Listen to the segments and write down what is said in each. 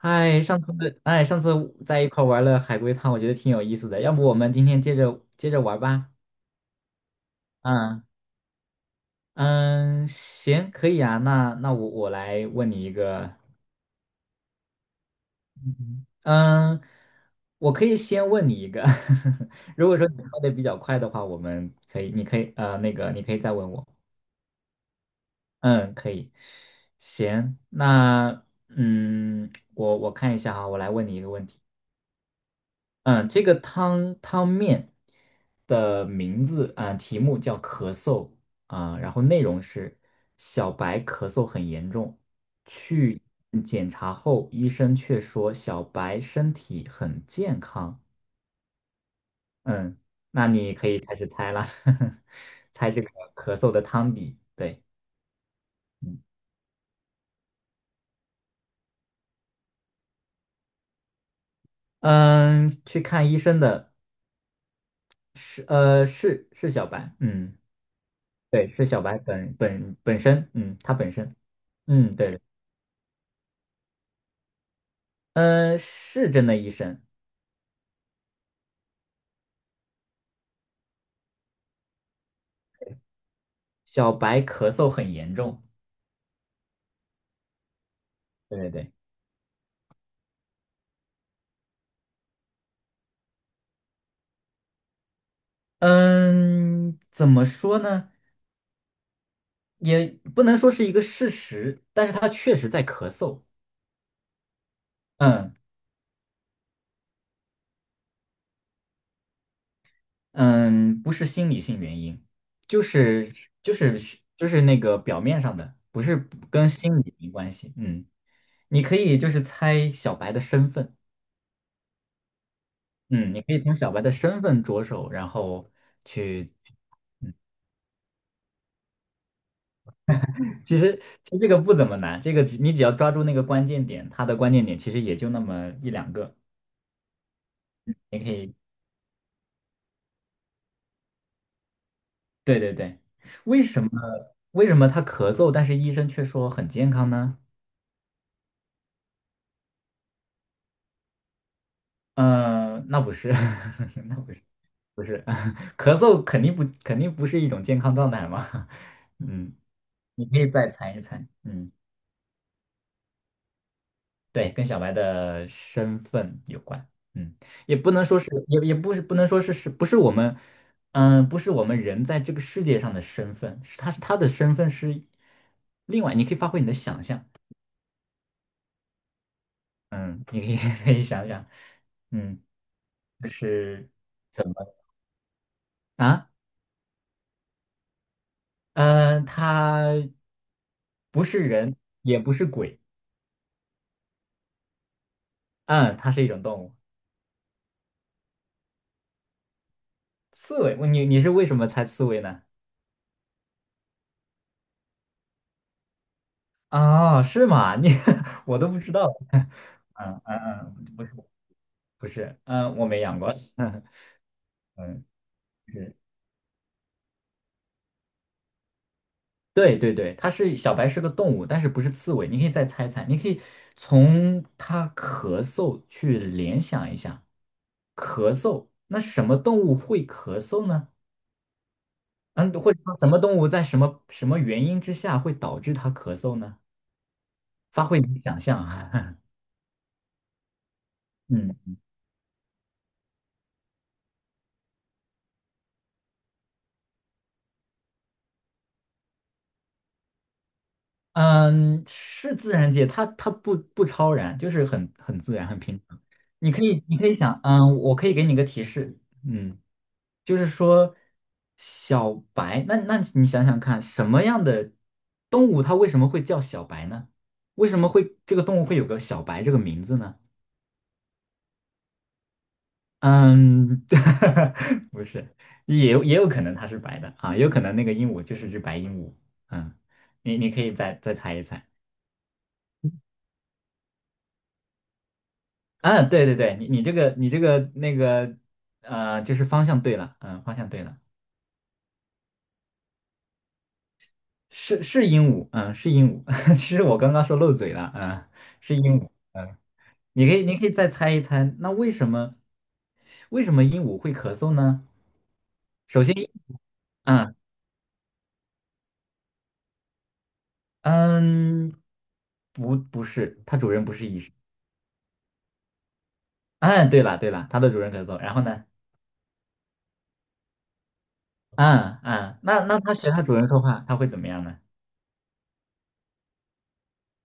嗨，上次上次在一块玩了海龟汤，我觉得挺有意思的。要不我们今天接着玩吧？嗯嗯，行，可以啊。那我来问你一个，嗯，我可以先问你一个。如果说你说的比较快的话，我们可以，你可以那个你可以再问我。嗯，可以。行，那嗯，我看一下哈，我来问你一个问题。嗯，这个汤面的名字啊，题目叫咳嗽啊，然后内容是小白咳嗽很严重，去检查后，医生却说小白身体很健康。嗯，那你可以开始猜了，猜这个咳嗽的汤底。对，嗯，嗯，去看医生的是小白，嗯，对，是小白本身，嗯，他本身，嗯，对。嗯，是真的医生。小白咳嗽很严重，对对对。嗯，怎么说呢？也不能说是一个事实，但是他确实在咳嗽。嗯嗯，不是心理性原因，就是就是就是那个表面上的，不是跟心理没关系。嗯，你可以就是猜小白的身份。嗯，你可以从小白的身份着手，然后去。其实其实这个不怎么难，这个你只要抓住那个关键点，它的关键点其实也就那么一两个，你可以。对对对，为什么为什么他咳嗽，但是医生却说很健康呢？那不是，那不是，不是，咳嗽肯定不是一种健康状态嘛。嗯，你可以再猜一猜。嗯。对，跟小白的身份有关。嗯，也不能说是，也不是，不能说是是不是我们，嗯，不是我们人在这个世界上的身份，是他的身份是另外，你可以发挥你的想象。嗯，你可以 可以想想，嗯，就是啊，嗯，他不是人，也不是鬼，嗯，它是一种动物，刺猬。你是为什么猜刺猬呢？啊，是吗？你 我都不知道。嗯嗯嗯，不是。不是，嗯，我没养过，嗯，是，对对对，小白是个动物，但是不是刺猬，你可以再猜猜，你可以从它咳嗽去联想一下，咳嗽，那什么动物会咳嗽呢？嗯，或者说什么动物在什么原因之下会导致它咳嗽呢？发挥你的想象啊，嗯。嗯，是自然界，它不超然，就是很自然，很平常。你可以想，嗯，我可以给你个提示，嗯，就是说小白，那你想想看，什么样的动物它为什么会叫小白呢？为什么会这个动物会有个小白这个名字呢？嗯，不是，也有可能它是白的啊，也有可能那个鹦鹉就是只白鹦鹉。嗯，你可以再猜一猜。啊，对对对，你这个就是方向对了，嗯，方向对了，是鹦鹉，嗯，是鹦鹉。其实我刚刚说漏嘴了，嗯，是鹦鹉，嗯，你可以再猜一猜，那为什么鹦鹉会咳嗽呢？首先，嗯嗯，不是，它主人不是医生。嗯，对了，它的主人咳嗽，然后呢？嗯嗯，那它学它主人说话，它会怎么样呢？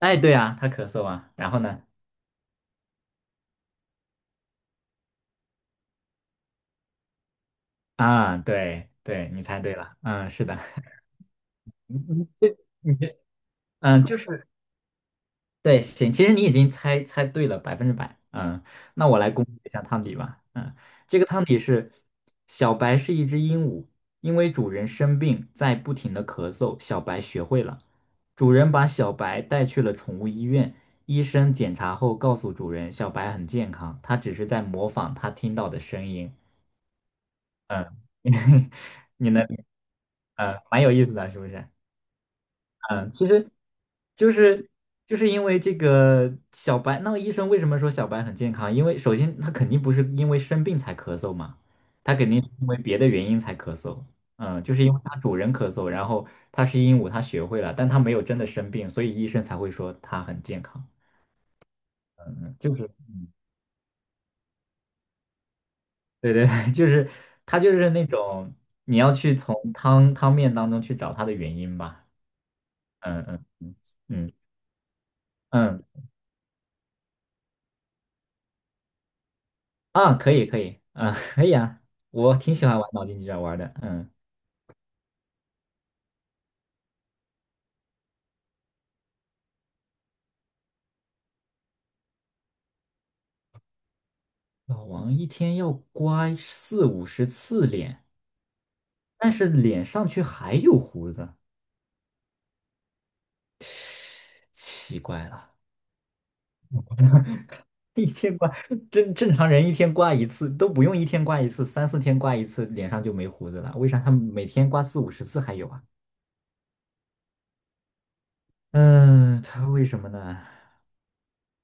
哎，对啊，它咳嗽啊，然后呢？啊，对对，你猜对了，嗯，是的，你你你这，嗯，就是对，行，其实你已经猜对了百分之百，嗯，那我来公布一下汤底吧，嗯，这个汤底是小白是一只鹦鹉，因为主人生病在不停的咳嗽，小白学会了，主人把小白带去了宠物医院，医生检查后告诉主人，小白很健康，它只是在模仿它听到的声音，嗯，你能，嗯，蛮有意思的，是不是？嗯，就是因为这个小白，那个医生为什么说小白很健康？因为首先他肯定不是因为生病才咳嗽嘛，他肯定是因为别的原因才咳嗽。嗯，就是因为他主人咳嗽，然后他是鹦鹉，他学会了，但他没有真的生病，所以医生才会说他很健康。嗯，对对对，他就是那种你要去从汤面当中去找他的原因吧。嗯嗯嗯嗯嗯。啊，可以可以，啊，可以啊，我挺喜欢玩脑筋急转弯的，嗯，老王一天要刮四五十次脸，但是脸上却还有胡子，奇怪了，一天刮，正常人一天刮一次都不用一天刮一次，三四天刮一次脸上就没胡子了，为啥他每天刮四五十次还有啊？嗯，他为什么呢？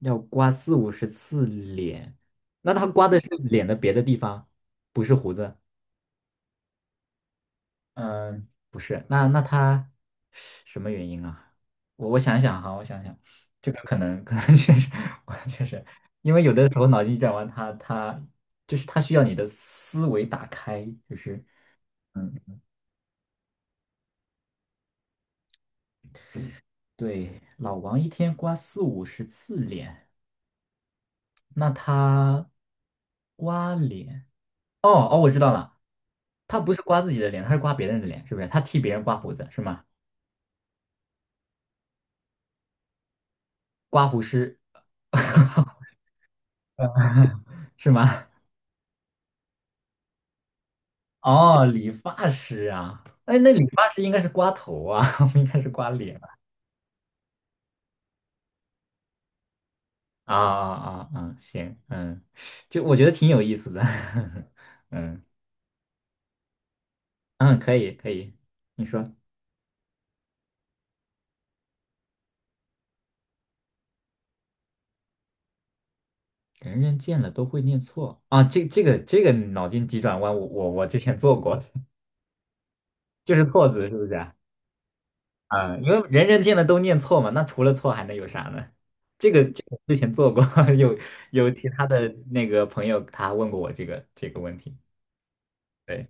要刮四五十次脸，那他刮的是脸的别的地方，不是胡子。嗯，不是，那他什么原因啊？我想想哈，我想想，这个可能确实，我确实，因为有的时候脑筋急转弯就是他需要你的思维打开，就是嗯，对，老王一天刮四五十次脸，那他刮脸，哦哦，我知道了，他不是刮自己的脸，他是刮别人的脸，是不是？他替别人刮胡子是吗？刮胡师 是吗？哦，理发师啊，哎，那理发师应该是刮头啊，不应该是刮脸吧啊啊啊！啊行，嗯，就我觉得挺有意思的，嗯嗯，可以可以，你说人人见了都会念错啊？这个脑筋急转弯我，我之前做过，就是错字是不是啊？啊，因为人人见了都念错嘛，那除了错还能有啥呢？这个之前做过，有有其他的那个朋友他问过我这个问题。对，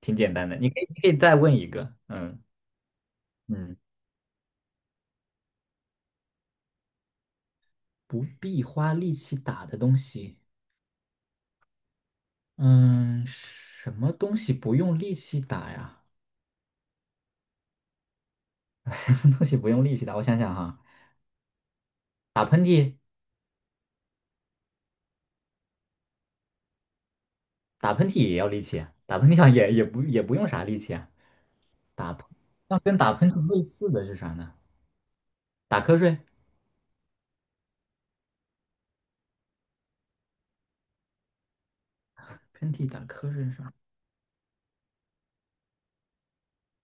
挺简单的。你可以，你可以再问一个，嗯嗯，不必花力气打的东西，嗯，什么东西不用力气打呀？什么东西不用力气打？我想想哈，打喷嚏，打喷嚏也要力气啊，打喷嚏好像也不用啥力气啊。打喷，那跟打喷嚏类似的是啥呢？打瞌睡，喷嚏打瞌睡是啥？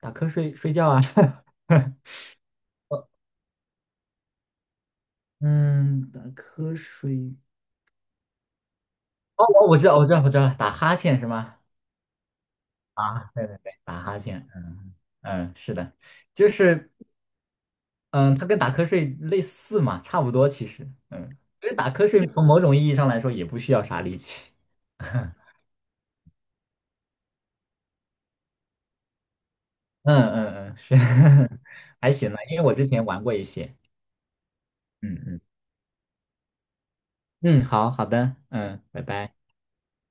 打瞌睡睡觉啊。嗯，打瞌睡。哦，我知道，我知道了，打哈欠是吗？啊，对对对，打哈欠，嗯嗯，是的，就是，嗯，它跟打瞌睡类似嘛，差不多其实，嗯，其实打瞌睡从某种意义上来说也不需要啥力气，嗯嗯嗯，是，还行了，因为我之前玩过一些，嗯嗯嗯，好好的，嗯，拜拜。